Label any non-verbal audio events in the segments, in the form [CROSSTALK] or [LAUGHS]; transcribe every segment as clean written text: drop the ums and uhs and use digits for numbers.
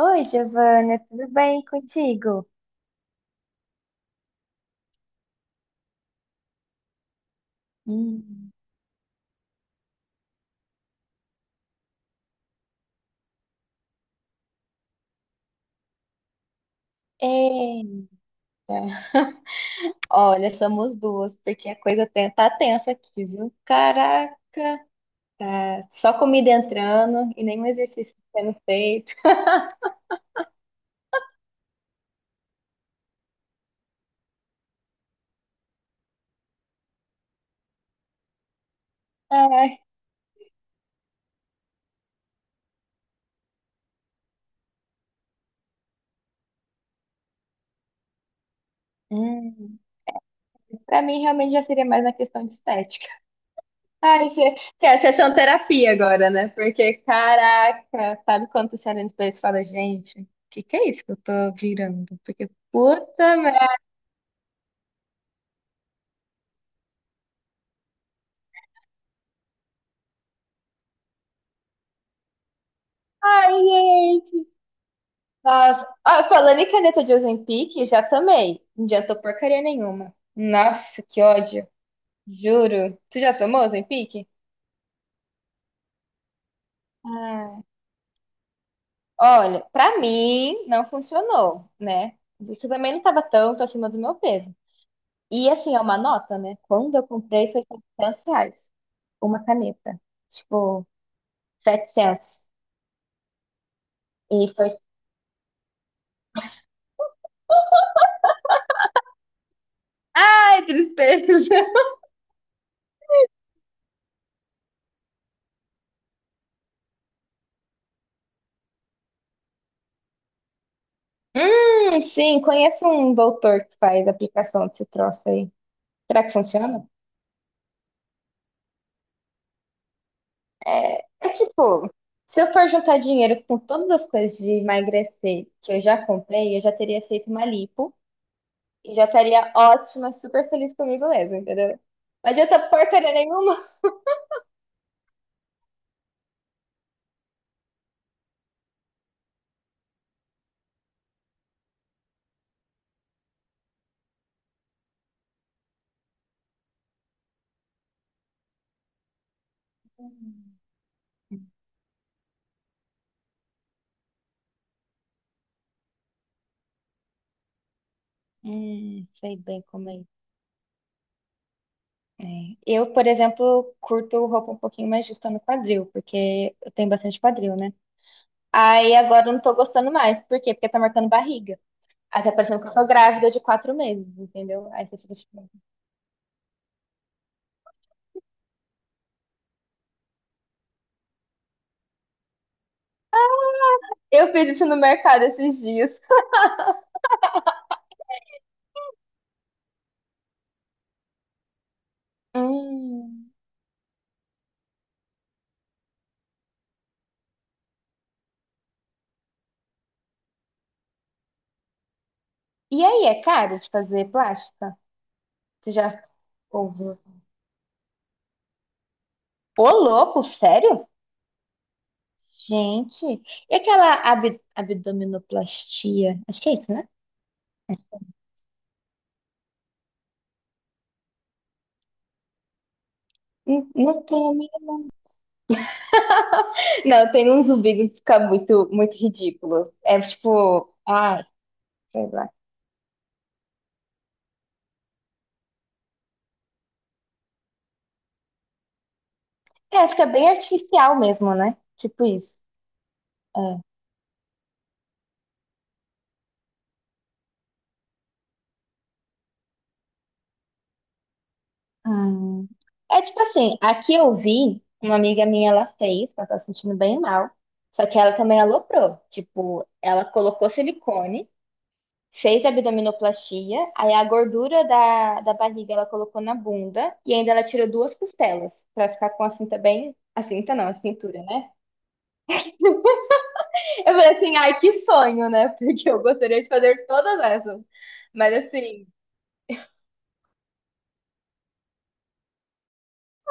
Oi, Giovana, tudo bem contigo? Hum. Eita, olha, somos duas, porque a coisa tá tensa aqui, viu? Caraca, é, só comida entrando e nenhum exercício sendo feito. Ah. Hum. Pra mim, realmente já seria mais na questão de estética. Ai, cê, é sessão terapia agora, né? Porque, caraca, sabe quando você olha no espelho e fala, gente, o que que é isso que eu tô virando? Porque, puta merda. Ai, gente. Nossa. Ah, falando em caneta de Ozempic, já tomei. Não adiantou porcaria nenhuma. Nossa, que ódio. Juro. Tu já tomou Ozempic? Ah. Olha, pra mim não funcionou, né? Isso também não tava tanto acima do meu peso. E assim, é uma nota, né? Quando eu comprei foi R$ 700. Uma caneta. Tipo, 700. E foi. Ai, tristeza. [LAUGHS] Sim, conheço um doutor que faz aplicação desse troço aí. Será que funciona? É, tipo, se eu for juntar dinheiro com todas as coisas de emagrecer que eu já comprei, eu já teria feito uma lipo e já estaria ótima, super feliz comigo mesma, entendeu? Não adianta porcaria nenhuma. Hum, Sei bem como é. É. Eu, por exemplo, curto roupa um pouquinho mais justa no quadril, porque eu tenho bastante quadril, né? Aí agora eu não tô gostando mais. Por quê? Porque tá marcando barriga. Aí tá parecendo que eu tô grávida de 4 meses, entendeu? Aí você fica tipo. Eu fiz isso no mercado esses dias. Hum. E aí, é caro de fazer plástica? Tu já ouviu? Ô, louco, sério? Gente, e aquela ab abdominoplastia? Acho que é isso, né? Hum. Não tem a mínima- [LAUGHS] Não, tem uns vídeos que fica muito, muito ridículo. É tipo, ai, sei lá. É, fica bem artificial mesmo, né? Tipo isso. É. Hum. É tipo assim, aqui eu vi, uma amiga minha ela fez, ela tá se sentindo bem mal, só que ela também aloprou. Tipo, ela colocou silicone, fez abdominoplastia, aí a gordura da barriga ela colocou na bunda e ainda ela tirou duas costelas pra ficar com a cinta bem. A cinta não, a cintura, né? [LAUGHS] Eu falei assim, ai, que sonho, né? [LAUGHS] Porque eu gostaria de fazer todas essas. Mas assim.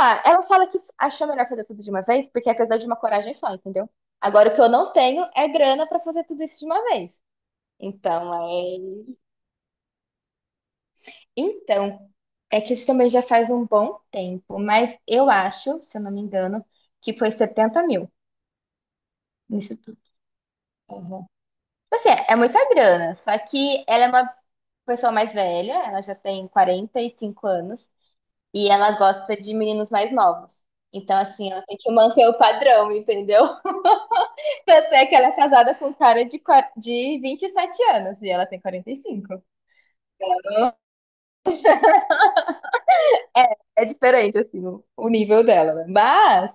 Ah, ela fala que achou melhor fazer tudo de uma vez, porque é apesar de uma coragem só, entendeu? Agora, o que eu não tenho é grana pra fazer tudo isso de uma vez. Então, é... Então, é que isso também já faz um bom tempo, mas eu acho, se eu não me engano, que foi 70.000 nisso tudo. Uhum. Assim, é muita grana, só que ela é uma pessoa mais velha, ela já tem 45 anos, e ela gosta de meninos mais novos. Então, assim, ela tem que manter o padrão, entendeu? Tanto é que ela é casada com um cara de 27 anos e ela tem 45. É diferente, assim, o nível dela, né? Mas,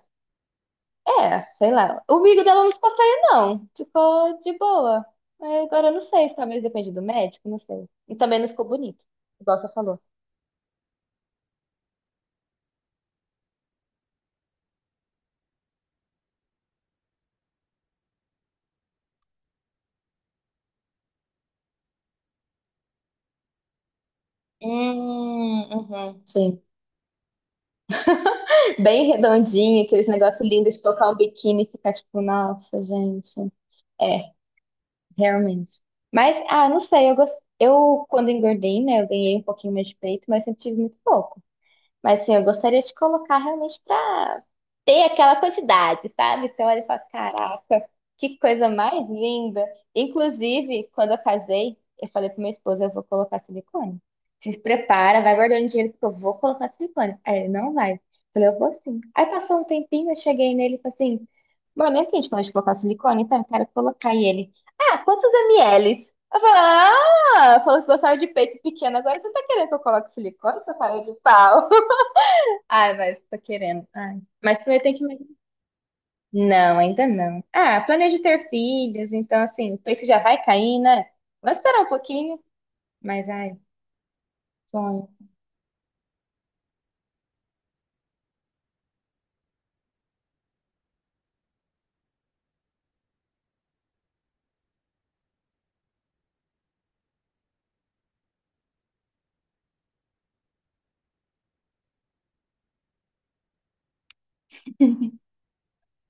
é, sei lá. O amigo dela não ficou feio, não. Ficou de boa. É, agora eu não sei, se talvez depende do médico, não sei. E também não ficou bonito, igual você falou. Uhum, sim. Bem redondinho, aqueles negócios lindos de colocar um biquíni e ficar tipo, nossa, gente. É, realmente. Mas, ah, não sei, eu quando engordei, né, eu ganhei um pouquinho mais de peito, mas sempre tive muito pouco. Mas assim, eu gostaria de colocar realmente para ter aquela quantidade, sabe? Você olha e fala, caraca, que coisa mais linda. Inclusive, quando eu casei, eu falei pro meu esposo, eu vou colocar silicone. Se prepara, vai guardando dinheiro, porque eu vou colocar silicone. Aí ele, não vai. Eu falei, eu vou sim. Aí passou um tempinho, eu cheguei nele e falei assim, mano, lembra que a gente falou de colocar silicone? Então, eu quero colocar. E ele, ah, quantos mls? Eu falei, ah, falou que gostava de peito pequeno, agora você tá querendo que eu coloque silicone, seu cara de pau? Ai, mas tô querendo. Ai. Mas primeiro tem que. Não, ainda não. Ah, planejo ter filhos, então assim, o peito já vai cair, né? Vamos esperar um pouquinho. Mas, ai, sonhos.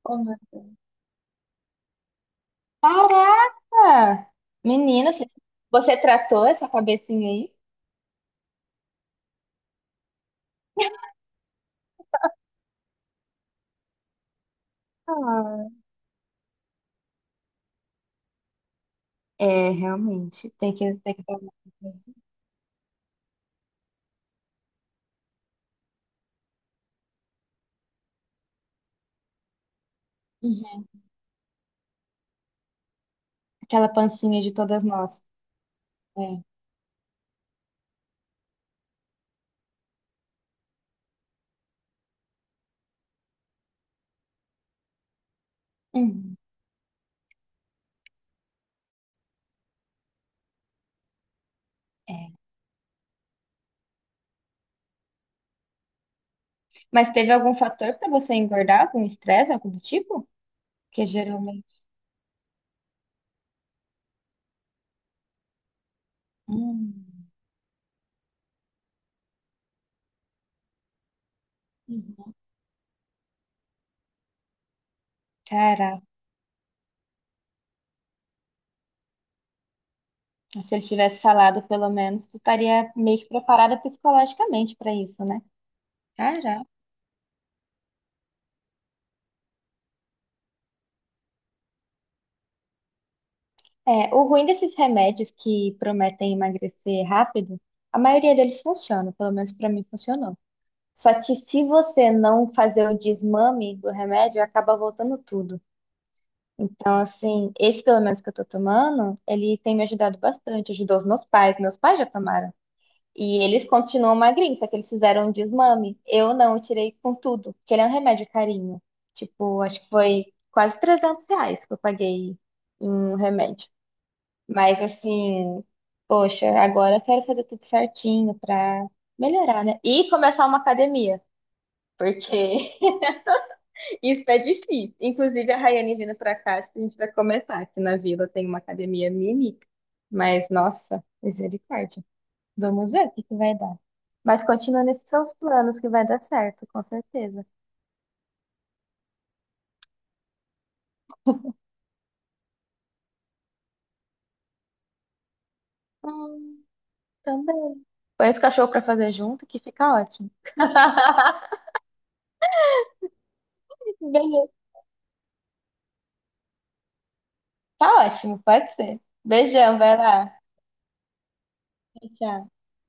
Oh, meu Deus. Caraca! Menina, você tratou essa cabecinha aí? [LAUGHS] Ah. É, realmente. Tem que dar uma... Uhum. Aquela pancinha de todas nós. É. Uhum. É. Mas teve algum fator pra você engordar? Algum estresse, algo do tipo? Que geralmente. Hum. Cara, se ele tivesse falado, pelo menos, tu estaria meio que preparada psicologicamente pra isso, né? Cara, é, o ruim desses remédios que prometem emagrecer rápido, a maioria deles funciona, pelo menos pra mim funcionou. Só que se você não fazer o desmame do remédio, acaba voltando tudo. Então, assim, esse pelo menos que eu tô tomando, ele tem me ajudado bastante. Ajudou os meus pais já tomaram. E eles continuam magrinhos, só que eles fizeram um desmame. Eu não, eu tirei com tudo, que ele é um remédio carinho. Tipo, acho que foi quase R$ 300 que eu paguei em um remédio. Mas assim, poxa, agora eu quero fazer tudo certinho pra melhorar, né? E começar uma academia, porque [LAUGHS] isso é difícil. Inclusive, a Rayane vindo pra cá, acho que a gente vai começar. Aqui na vila tem uma academia mini, mas nossa, misericórdia. Vamos ver o que que vai dar. Mas continua nesses seus planos que vai dar certo, com certeza. Hum, também. Põe esse cachorro pra fazer junto que fica ótimo. [LAUGHS] Beleza. Tá ótimo, pode ser. Beijão, vai lá. Tchau, tchau.